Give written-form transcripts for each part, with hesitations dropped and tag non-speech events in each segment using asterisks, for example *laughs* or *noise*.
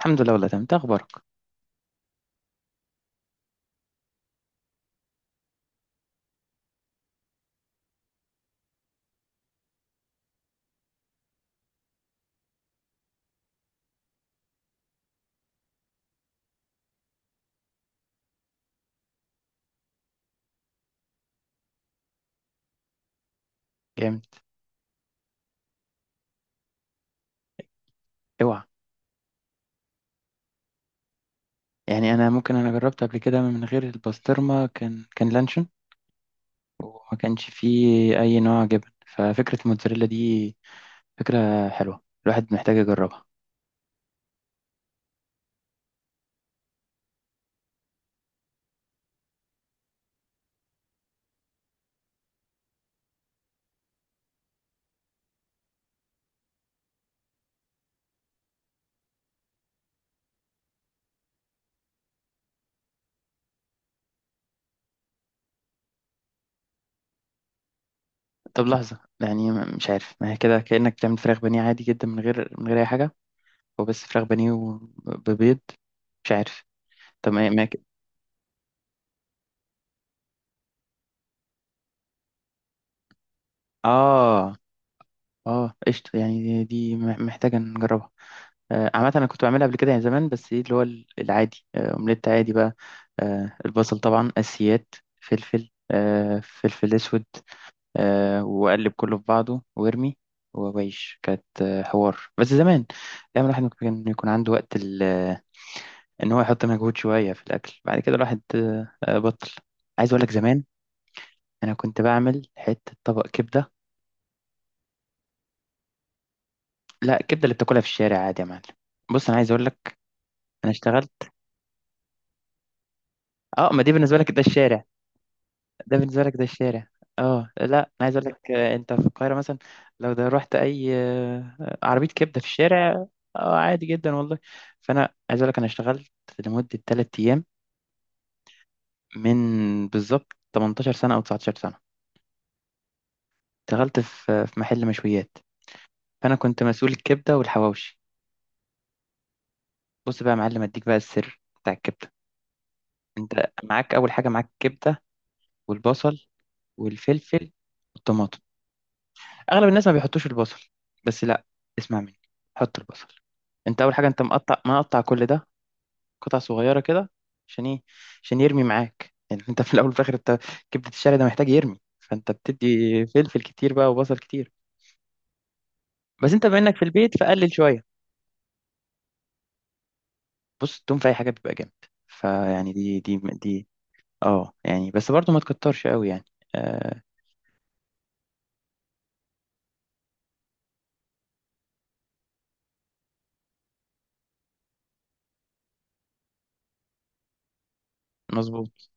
الحمد لله، والله تمام. إنت اخبارك؟ جامد. اوعى. يعني انا ممكن انا جربت قبل كده من غير البسطرمه، كان لانشون. وما كانش فيه اي نوع جبن. ففكره الموتزاريلا دي فكره حلوه، الواحد محتاج يجربها. طب لحظه، يعني مش عارف. ما هي كده كانك بتعمل فراخ بانيه عادي جدا من غير اي حاجه. هو بس فراخ بانيه وبيض. مش عارف. طب اه اه، قشطه. يعني دي محتاجه نجربها. عامة أنا كنت بعملها قبل كده يعني زمان. بس إيه اللي هو العادي، أومليت عادي بقى. البصل طبعا أساسيات. فلفل، فلفل أسود. وأقلب كله في بعضه وأرمي. وعيش، كانت حوار بس زمان. دايما الواحد ممكن يكون عنده وقت إن هو يحط مجهود شوية في الأكل، بعد كده الواحد بطل. عايز أقول لك زمان أنا كنت بعمل حتة طبق كبدة. لا، الكبدة اللي بتاكلها في الشارع عادي يا معلم. بص، أنا عايز أقول لك. أنا اشتغلت. اه، ما دي بالنسبة لك ده الشارع. ده بالنسبة لك ده الشارع. اه، لا، انا عايز اقول لك، انت في القاهرة مثلا. لو ده رحت اي عربية كبدة في الشارع. عادي جدا والله. فانا عايز اقول لك، انا اشتغلت لمدة 3 ايام من بالظبط 18 سنة او 19 سنة. اشتغلت في محل مشويات. فانا كنت مسؤول الكبدة والحواوشي. بص بقى يا معلم، اديك بقى السر بتاع الكبدة. انت معاك، اول حاجة معاك الكبدة والبصل والفلفل والطماطم. اغلب الناس ما بيحطوش البصل. بس لا، اسمع مني، حط البصل. انت اول حاجه انت مقطع مقطع كل ده قطع صغيره كده. عشان ايه؟ عشان يرمي معاك. يعني انت في الاول وفي الاخر انت، كبده الشارع ده محتاج يرمي، فانت بتدي فلفل كتير بقى وبصل كتير. بس انت بما انك في البيت، فقلل شويه. بص، التوم في اي حاجه بيبقى جامد. فيعني دي. اه، يعني بس برضو ما تكترش قوي يعني. آه. مظبوط.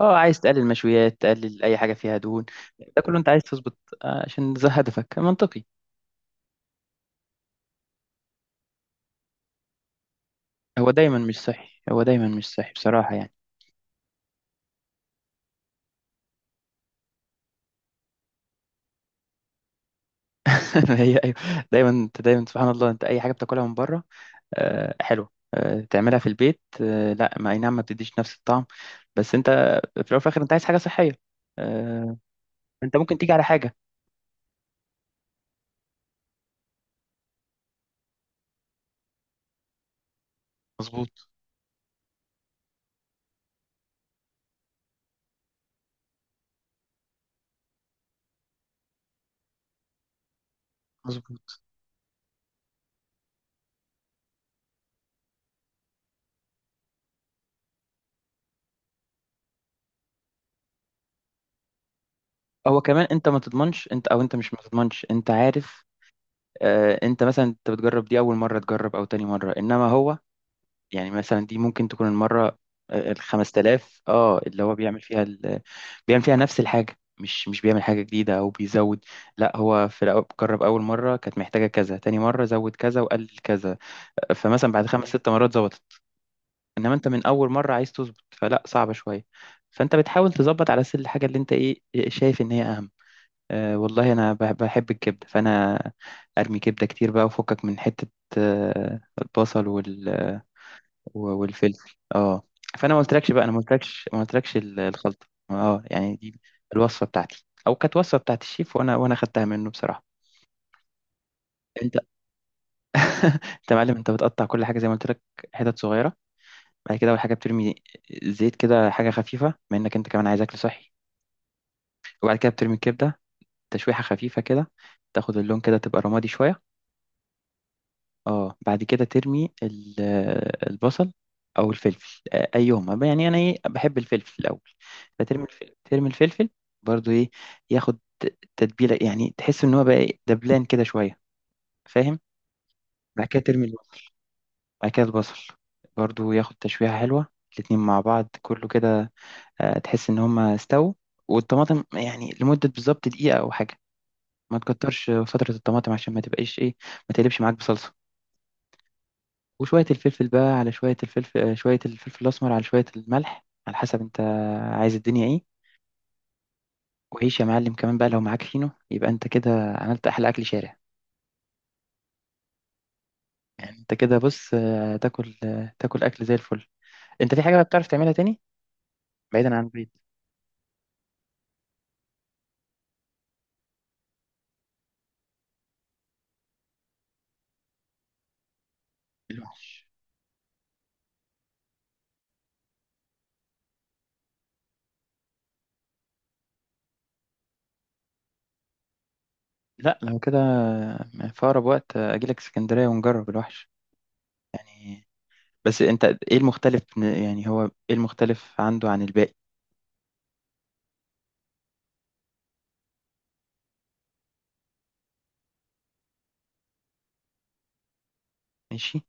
اه، عايز تقلل مشويات، تقلل اي حاجه فيها دهون. ده كله انت عايز تظبط، عشان ده هدفك منطقي. هو دايما مش صحي، هو دايما مش صحي بصراحة يعني. *laughs* هي أيوة. دايما أنت دايما، سبحان الله، أنت أي حاجة بتاكلها من بره حلوة، تعملها في البيت، لا، ما أي نعم، ما بتديش نفس الطعم. بس أنت في الأول وفي الآخر، أنت عايز حاجة صحية. آه، أنت ممكن تيجي على حاجة. مظبوط. مظبوط. هو كمان، أنت ما تضمنش أنت، أو أنت مش ما تضمنش، أنت عارف. أنت مثلا أنت بتجرب دي أول مرة تجرب أو تاني مرة، إنما هو. يعني مثلا دي ممكن تكون المرة ال 5000، اه، اللي هو بيعمل فيها بيعمل فيها نفس الحاجة، مش بيعمل حاجة جديدة أو بيزود. لا، هو في الأول جرب أول مرة، كانت محتاجة كذا، تاني مرة زود كذا وقلل كذا. فمثلا بعد خمس ست مرات ظبطت. إنما أنت من أول مرة عايز تظبط، فلا، صعبة شوية. فأنت بتحاول تظبط على سل الحاجة اللي أنت، إيه، شايف إن هي أهم. أه، والله أنا بحب الكبدة، فأنا أرمي كبدة كتير بقى، وفكك من حتة. البصل والفلفل والفلفل. اه، فانا ما قلتلكش بقى، انا ما قلتلكش الخلطه اه يعني دي. الوصفه بتاعتي، او كانت وصفه بتاعت الشيف، وانا خدتها منه بصراحه. انت *laughs* انت يا معلم، انت بتقطع كل حاجه زي ما قلت لك، حتت صغيره. بعد كده، اول حاجه بترمي زيت كده حاجه خفيفه، بما انك انت كمان عايز اكل صحي. وبعد كده بترمي الكبده تشويحه خفيفه كده، تاخد اللون كده تبقى رمادي شويه. اه، بعد كده ترمي البصل او الفلفل، ايهما بقى. يعني انا، ايه، بحب الفلفل الاول. فترمي الفلفل، ترمي الفلفل برضو، ايه، ياخد تتبيله. يعني تحس ان هو بقى، إيه، دبلان كده شويه، فاهم؟ بعد كده ترمي البصل. بعد كده البصل برضو ياخد تشويحه حلوه. الاتنين مع بعض كله كده، تحس ان هما استووا. والطماطم يعني لمده بالظبط دقيقه او حاجه. ما تكترش فتره الطماطم عشان ما تبقاش، ايه، ما تقلبش معاك بصلصه. وشوية الفلفل بقى على شوية الفلفل، شوية الفلفل الأسمر على شوية الملح، على حسب أنت عايز الدنيا إيه. وعيش يا معلم كمان بقى، لو معاك فينو، يبقى أنت كده عملت أحلى أكل شارع. يعني أنت كده بص، تاكل أكل زي الفل. أنت في حاجة بقى بتعرف تعملها، تاني بعيدا عن البيت. الوحش. لا، لو كده في أقرب وقت أجيلك اسكندرية ونجرب الوحش. يعني، بس أنت إيه المختلف؟ يعني هو إيه المختلف عنده عن الباقي؟ ماشي.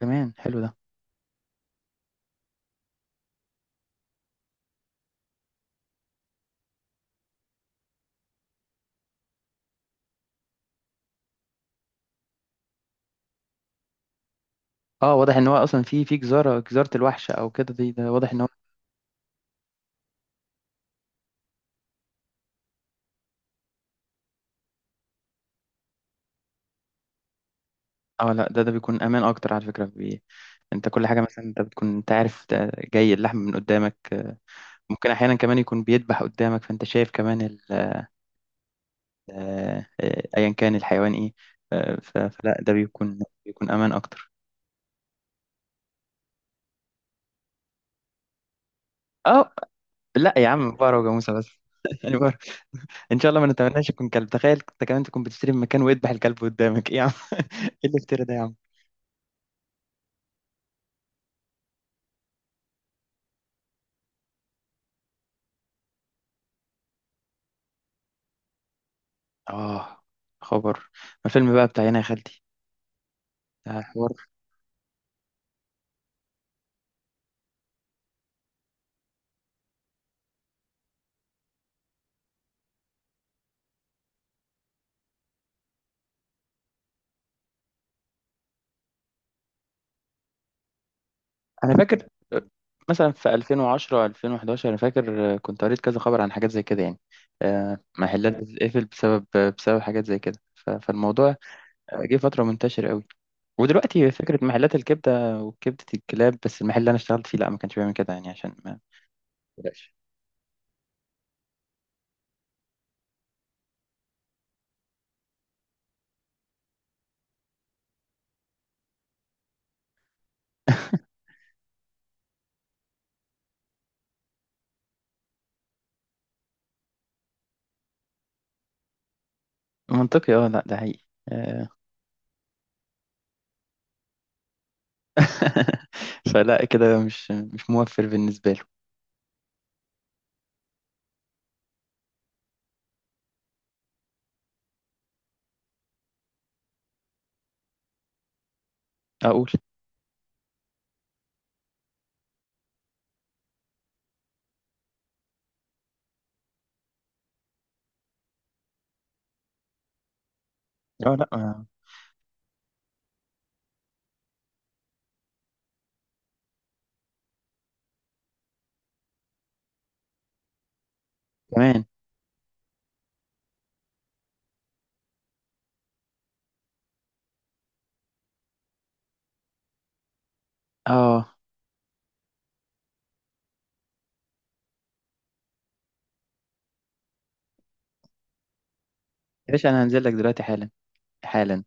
تمام، حلو ده. اه، واضح ان هو اصلا في جزاره الوحش او كده، ده واضح ان هو. اه، لا، ده بيكون امان اكتر على فكره انت كل حاجه مثلا، انت بتكون انت عارف ده جاي اللحم من قدامك، ممكن احيانا كمان يكون بيذبح قدامك، فانت شايف كمان ايا كان الحيوان ايه. فلا ده بيكون امان اكتر. اه لا يا عم، بقرة وجاموسة بس. *laughs* يعني بقرة. ان شاء الله ما نتمناش يكون كلب. تخيل انت كمان تكون بتشتري من مكان ويذبح الكلب قدامك، ايه يا عم *laughs* ايه الافتراء ده يا عم. اه، خبر ما الفيلم بقى بتاع هنا يا خالتي. ده حوار. انا فاكر مثلا في 2010 2011، انا فاكر كنت قريت كذا خبر عن حاجات زي كده يعني. محلات بتتقفل بسبب حاجات زي كده، فالموضوع جه فترة منتشر قوي. ودلوقتي فكرة محلات الكبدة وكبدة الكلاب، بس المحل اللي أنا اشتغلت فيه لا، ما كانش بيعمل كده يعني عشان ما بلاش. منطقي، اه، لا ده حقيقي. آه. *laughs* فلا كده مش موفر بالنسبة له. أقول. اه، لا. آه. كمان. اه يا باشا، أنا هنزل لك دلوقتي حالا، حالا